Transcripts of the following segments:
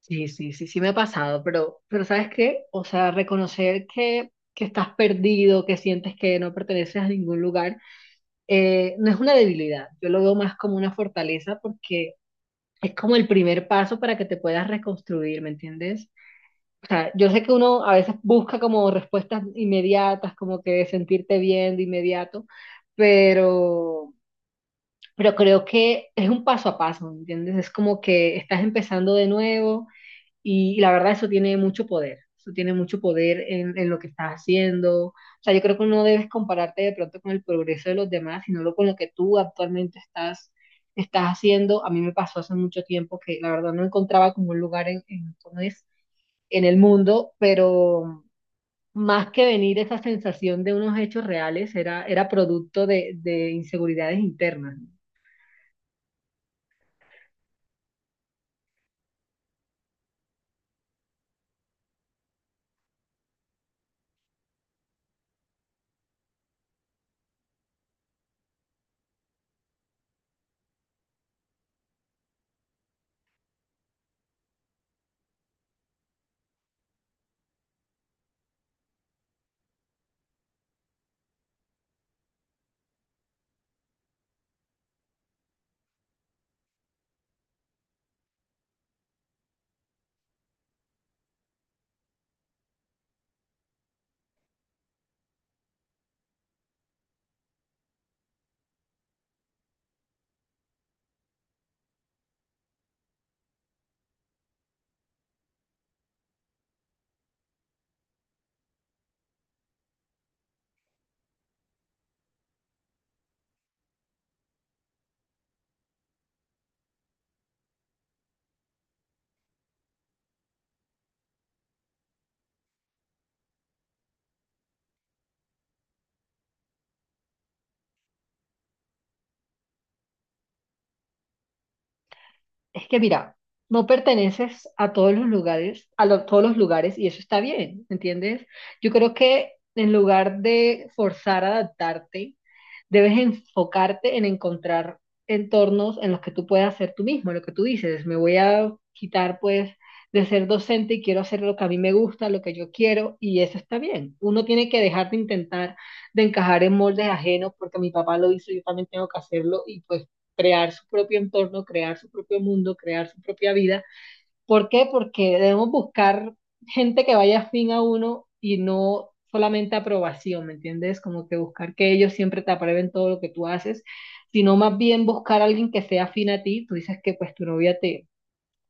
Sí, sí, sí, sí me ha pasado, pero ¿sabes qué? O sea, reconocer que estás perdido, que sientes que no perteneces a ningún lugar, no es una debilidad, yo lo veo más como una fortaleza porque es como el primer paso para que te puedas reconstruir, ¿me entiendes? O sea, yo sé que uno a veces busca como respuestas inmediatas, como que sentirte bien de inmediato, pero, pero creo que es un paso a paso, ¿me entiendes? Es como que estás empezando de nuevo y la verdad eso tiene mucho poder, eso tiene mucho poder en lo que estás haciendo. O sea, yo creo que no debes compararte de pronto con el progreso de los demás, sino con lo que tú actualmente estás haciendo. A mí me pasó hace mucho tiempo que la verdad no encontraba como un lugar ¿cómo es? En el mundo, pero más que venir esa sensación de unos hechos reales, era producto de inseguridades internas. ¿No? Es que mira, no perteneces a todos los lugares, a todos los lugares, y eso está bien, ¿entiendes? Yo creo que en lugar de forzar a adaptarte, debes enfocarte en encontrar entornos en los que tú puedas ser tú mismo. Lo que tú dices, me voy a quitar pues de ser docente y quiero hacer lo que a mí me gusta, lo que yo quiero, y eso está bien. Uno tiene que dejar de intentar de encajar en moldes ajenos porque mi papá lo hizo, yo también tengo que hacerlo, y pues crear su propio entorno, crear su propio mundo, crear su propia vida. ¿Por qué? Porque debemos buscar gente que vaya afín a uno y no solamente aprobación, ¿me entiendes? Como que buscar que ellos siempre te aprueben todo lo que tú haces, sino más bien buscar a alguien que sea afín a ti. Tú dices que pues tu novia te,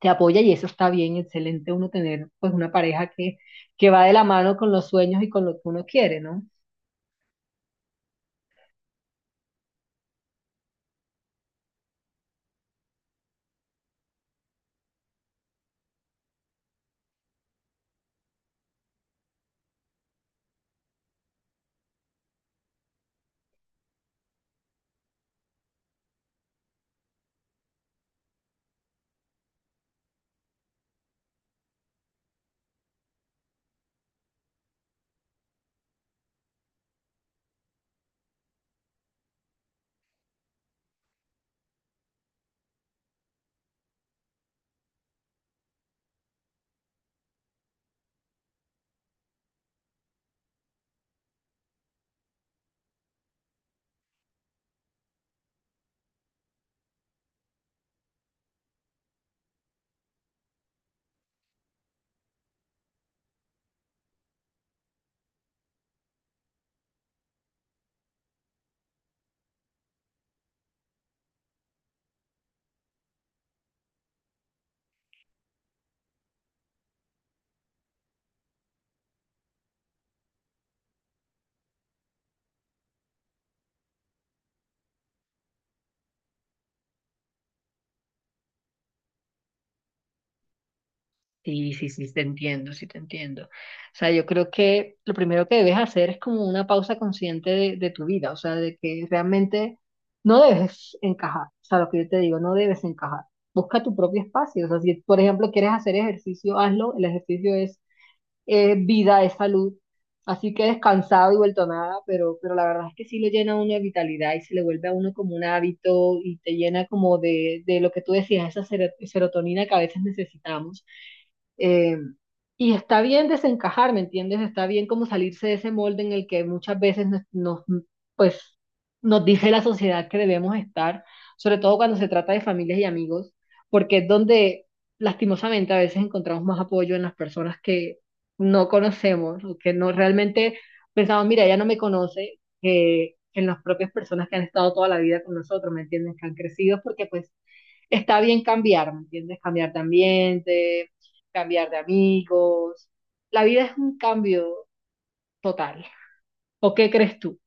te apoya y eso está bien, excelente uno tener pues una pareja que va de la mano con los sueños y con lo que uno quiere, ¿no? Sí, sí, sí, te entiendo, sí, te entiendo. O sea, yo creo que lo primero que debes hacer es como una pausa consciente de tu vida, o sea, de que realmente no debes encajar, o sea, lo que yo te digo, no debes encajar. Busca tu propio espacio, o sea, si por ejemplo quieres hacer ejercicio, hazlo, el ejercicio es vida, es salud. Así que descansado y vuelto a nada, pero la verdad es que sí lo llena a uno de vitalidad y se le vuelve a uno como un hábito y te llena como de lo que tú decías, esa serotonina que a veces necesitamos. Eh, y está bien desencajar, ¿me entiendes? Está bien como salirse de ese molde en el que muchas veces pues, nos dice la sociedad que debemos estar, sobre todo cuando se trata de familias y amigos, porque es donde lastimosamente a veces encontramos más apoyo en las personas que no conocemos o que no realmente pensamos, mira, ella no me conoce, que en las propias personas que han estado toda la vida con nosotros, ¿me entiendes? Que han crecido porque pues está bien cambiar, ¿me entiendes? Cambiar de ambiente, cambiar de amigos. La vida es un cambio total. ¿O qué crees tú?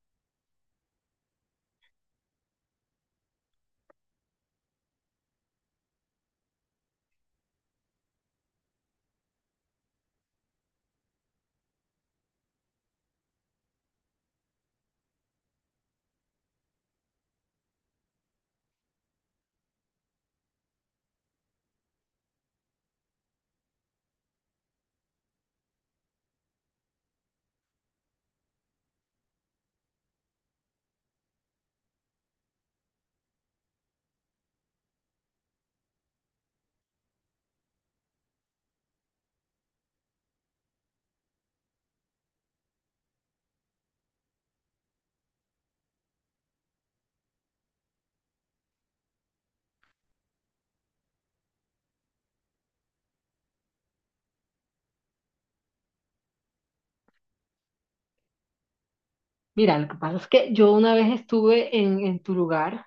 Mira, lo que pasa es que yo una vez estuve en tu lugar, o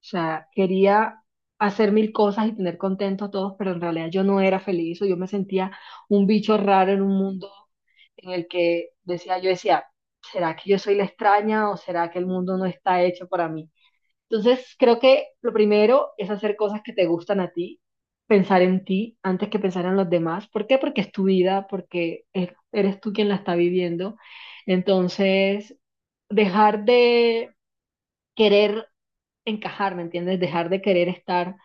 sea, quería hacer mil cosas y tener contentos a todos, pero en realidad yo no era feliz o yo me sentía un bicho raro en un mundo en el que decía, yo decía, ¿será que yo soy la extraña o será que el mundo no está hecho para mí? Entonces, creo que lo primero es hacer cosas que te gustan a ti, pensar en ti antes que pensar en los demás. ¿Por qué? Porque es tu vida, porque eres tú quien la está viviendo. Entonces, dejar de querer encajar, ¿me entiendes? Dejar de querer estar,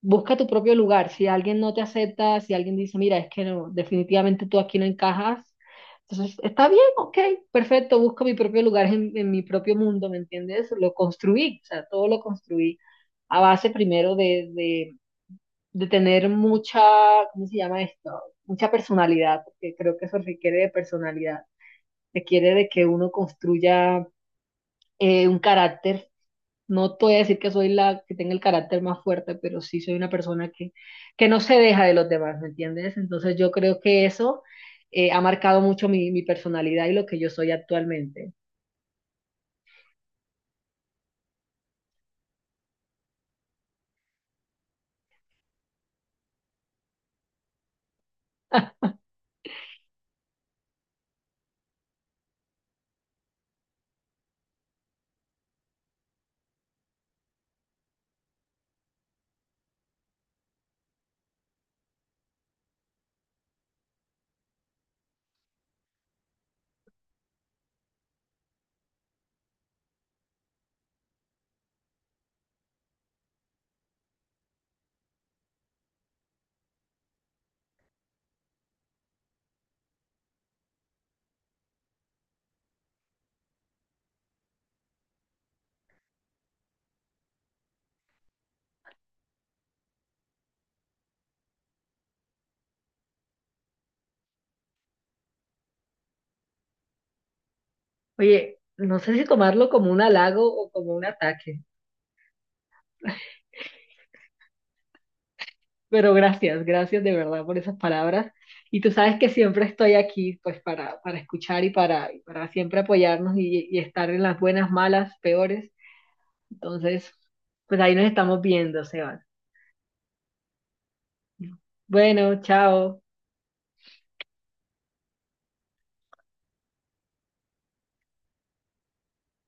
busca tu propio lugar. Si alguien no te acepta, si alguien dice, mira, es que no, definitivamente tú aquí no encajas, entonces está bien, ok, perfecto, busco mi propio lugar en mi propio mundo, ¿me entiendes? Lo construí, o sea, todo lo construí a base primero de tener mucha, ¿cómo se llama esto? Mucha personalidad, porque creo que eso requiere de personalidad, requiere de que uno construya un carácter. No te voy a decir que soy la que tenga el carácter más fuerte, pero sí soy una persona que no se deja de los demás, ¿me entiendes? Entonces yo creo que eso ha marcado mucho mi personalidad y lo que yo soy actualmente. Oye, no sé si tomarlo como un halago o como un ataque, pero gracias, gracias de verdad por esas palabras. Y tú sabes que siempre estoy aquí pues para escuchar y para siempre apoyarnos y estar en las buenas, malas, peores. Entonces, pues ahí nos estamos viendo, Sebas. Bueno, chao.